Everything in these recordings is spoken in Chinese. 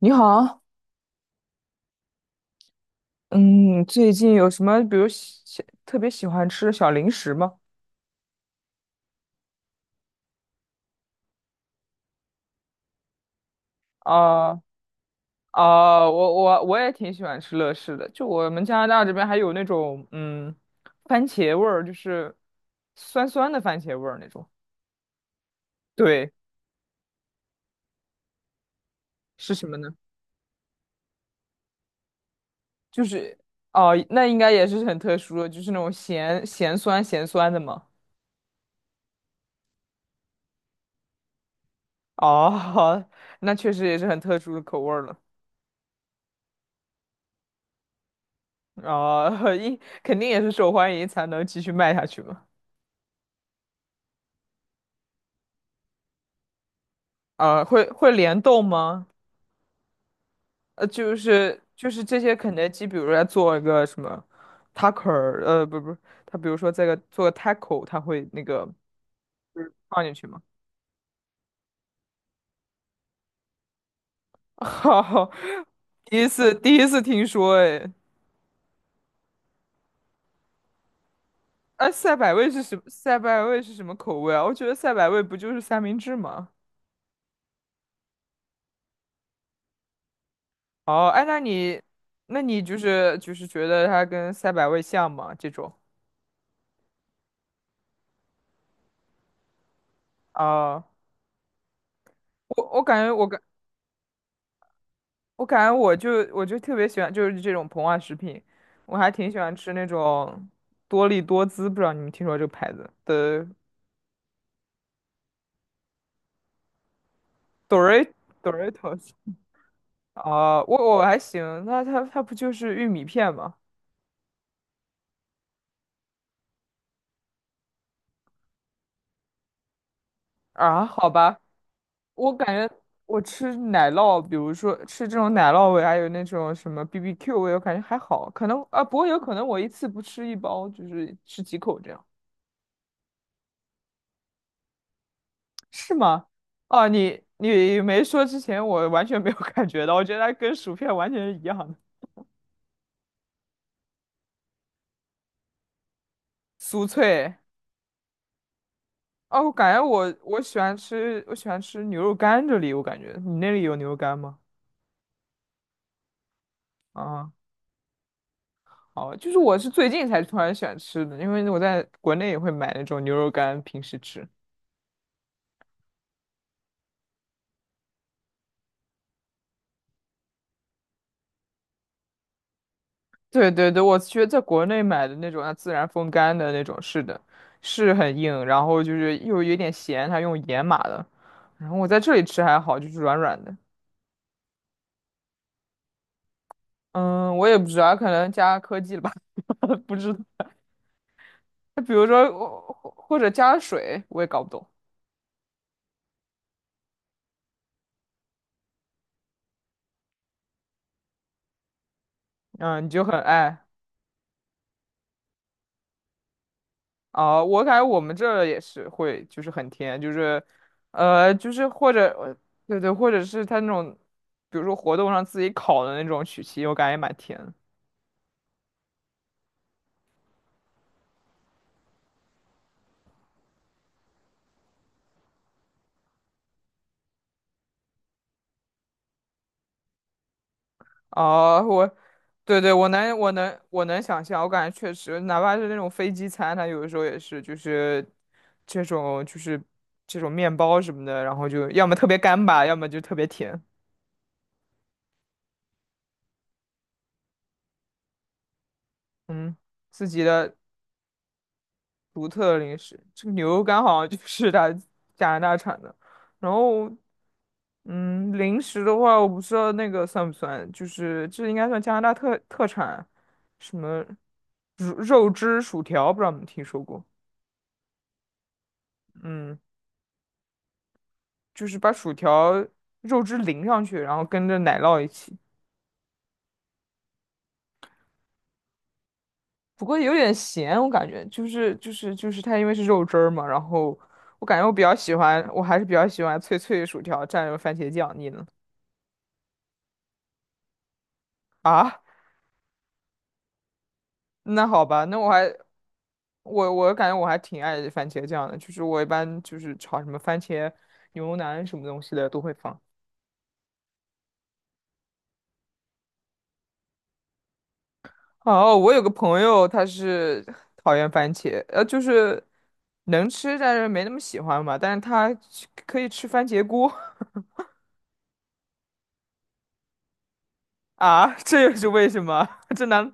你好。嗯，最近有什么，比如特别喜欢吃的小零食吗？啊、啊、我也挺喜欢吃乐事的，就我们加拿大这边还有那种，嗯，番茄味儿，就是酸酸的番茄味儿那种。对，是什么呢？就是哦、那应该也是很特殊的，就是那种咸咸酸咸酸的嘛。哦，那确实也是很特殊的口味儿了。啊，一肯定也是受欢迎才能继续卖下去嘛。啊，会联动吗？呃，就是这些肯德基，比如说它做一个什么 taco,呃，不不，它比如说这个做个 taco,它会那个就是放进去吗？哈，第一次听说。哎，哎，赛百味是什么？赛百味是什么口味啊？我觉得赛百味不就是三明治吗？哦。哎，那你那你就是觉得它跟赛百味像吗？这种啊，我我感觉我感。我感觉我就特别喜欢就是这种膨化食品，我还挺喜欢吃那种多力多滋，不知道你们听说这个牌子的。 Dor Doritos。 啊、我我还行，那它不就是玉米片吗？啊，好吧，我感觉我吃奶酪，比如说吃这种奶酪味，还有那种什么 BBQ 味，我感觉还好，可能啊，不过有可能我一次不吃一包，就是吃几口这样。是吗？哦，你你没说之前，我完全没有 感觉到，我觉得它跟薯片完全是一样的，酥脆。哦，我感觉我喜欢吃，我喜欢吃牛肉干这里，我感觉你那里有牛肉干吗？啊，好，就是我是最近才突然喜欢吃的，因为我在国内也会买那种牛肉干，平时吃。对对对，我觉得在国内买的那种，它自然风干的那种，是的，是很硬，然后就是又有点咸，它用盐码的。然后我在这里吃还好，就是软软的。嗯，我也不知道，可能加科技了吧。不知道。比如说，或或者加水，我也搞不懂。嗯，你就很爱。啊、我感觉我们这儿也是会，就是很甜，就是，呃，就是或者，呃对对，或者是他那种，比如说活动上自己烤的那种曲奇，我感觉也蛮甜。啊，我，对对，我能想象，我感觉确实，哪怕是那种飞机餐，它有的时候也是，就是这种面包什么的，然后就要么特别干巴，要么就特别甜。嗯，自己的独特零食，这个牛肉干好像就是 它加拿大产的。然后，嗯，零食的话，我不知道那个算不算，就是这应该算加拿大特特产，什么肉肉汁薯条，不知道你们听说过？嗯。就是把薯条肉汁淋上去，然后跟着奶酪一起。不过有点咸，我感觉就是它因为是肉汁儿嘛，然后我感觉我比较喜欢，我还是比较喜欢脆脆的薯条蘸着番茄酱。你呢？啊，那好吧，那我还我感觉我还挺爱番茄酱的，就是我一般就是炒什么番茄牛腩什么东西的都会放。哦，我有个朋友，他是讨厌番茄，呃，就是能吃，但是没那么喜欢吧。但是他吃可以吃番茄锅。 啊，这又是为什么？这难，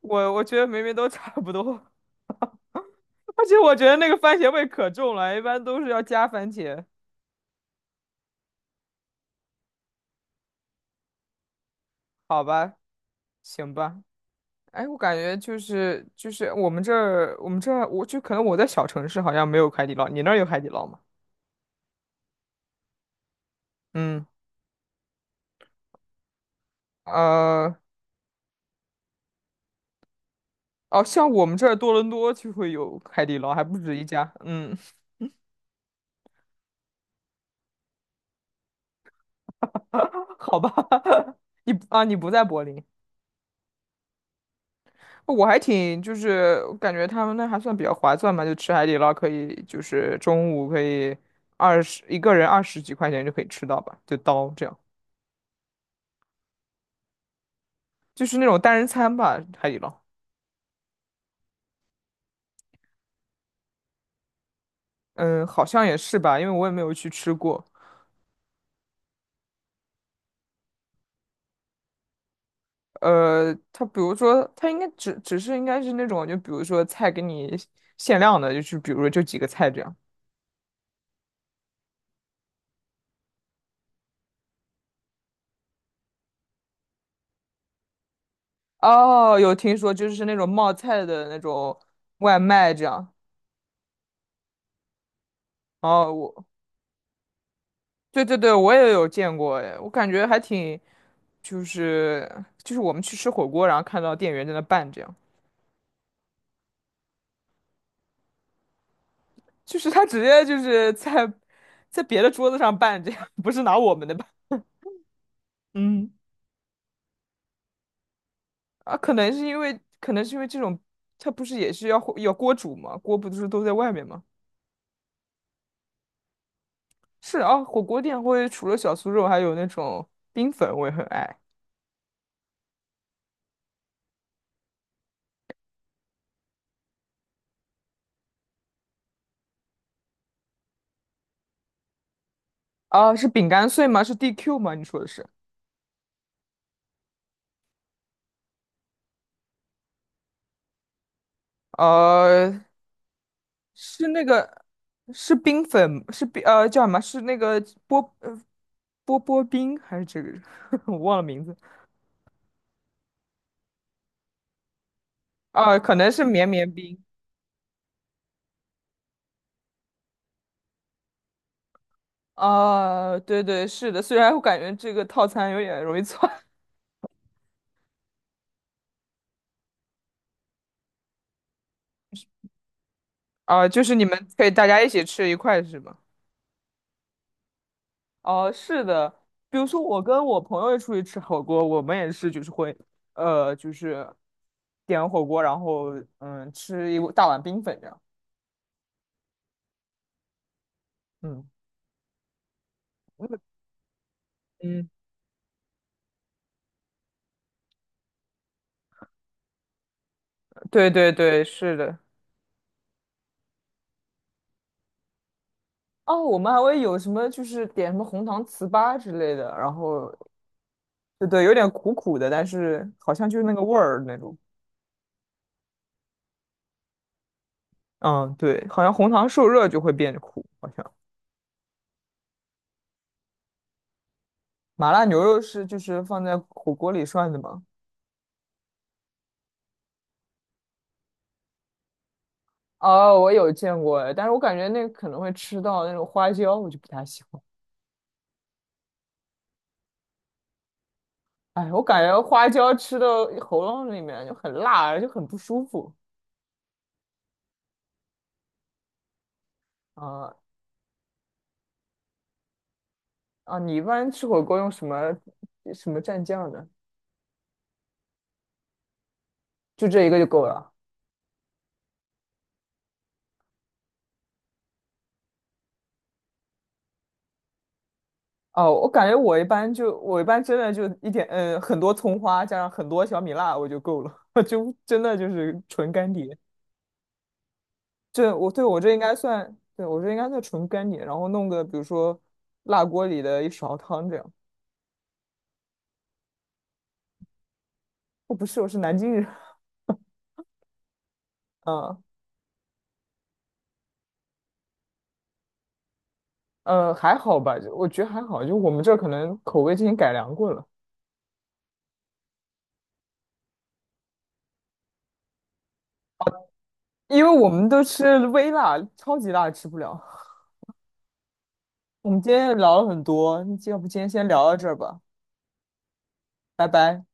我我觉得明明都差不多。而且我觉得那个番茄味可重了，一般都是要加番茄。好吧，行吧。哎，我感觉就是我们这儿我们这儿我就可能我在小城市好像没有海底捞，你那儿有海底捞吗？嗯，呃。哦，像我们这儿多伦多就会有海底捞，还不止一家。嗯，好吧，你啊，你不在柏林，我还挺就是感觉他们那还算比较划算嘛，就吃海底捞可以，就是中午可以二十一个人二十几块钱就可以吃到吧，就刀这样，就是那种单人餐吧，海底捞。嗯，好像也是吧，因为我也没有去吃过。呃，它比如说，它应该只是应该是那种，就比如说菜给你限量的，就是比如说就几个菜这样。哦，有听说，就是那种冒菜的那种外卖这样。哦，我对对对，我也有见过，哎，我感觉还挺，就是就是我们去吃火锅，然后看到店员在那拌这样，就是他直接就是在在别的桌子上拌这样，不是拿我们的吧？嗯，啊，可能是因为这种，它不是也是要火要锅煮吗？锅不是都在外面吗？是啊，火锅店会除了小酥肉，还有那种冰粉，我也很爱。啊，是饼干碎吗？是 DQ 吗？你说的是？呃，是那个，是冰粉，是冰，呃，叫什么？是那个波，呃，波波冰还是这个？我忘了名字。啊，可能是绵绵冰。啊，对对，是的。虽然我感觉这个套餐有点容易错。啊，就是你们可以大家一起吃一块是吗？哦，是的，比如说我跟我朋友出去吃火锅，我们也是就是会，呃，就是点火锅，然后嗯，吃一大碗冰粉这样。嗯嗯，对对对，是的。哦，我们还会有什么就是点什么红糖糍粑之类的，然后对对，有点苦苦的，但是好像就是那个味儿那种。嗯，对，好像红糖受热就会变苦，好像麻辣牛肉是就是放在火锅里涮的吗？哦，我有见过，但是我感觉那个可能会吃到那种花椒，我就不太喜欢。哎，我感觉花椒吃到喉咙里面就很辣，就很不舒服。啊啊，你一般吃火锅用什么什么蘸酱呢？就这一个就够了。哦，我感觉我一般就我一般真的就一点，嗯，很多葱花加上很多小米辣我就够了，就真的就是纯干碟。这我对我这应该算，对我这应该算纯干碟，然后弄个比如说辣锅里的一勺汤这样。我不是，我是南京人。嗯呃，还好吧，就我觉得还好，就我们这儿可能口味之前改良过了，因为我们都吃微辣，超级辣吃不了。我们今天也聊了很多，要不今天先聊到这儿吧，拜拜。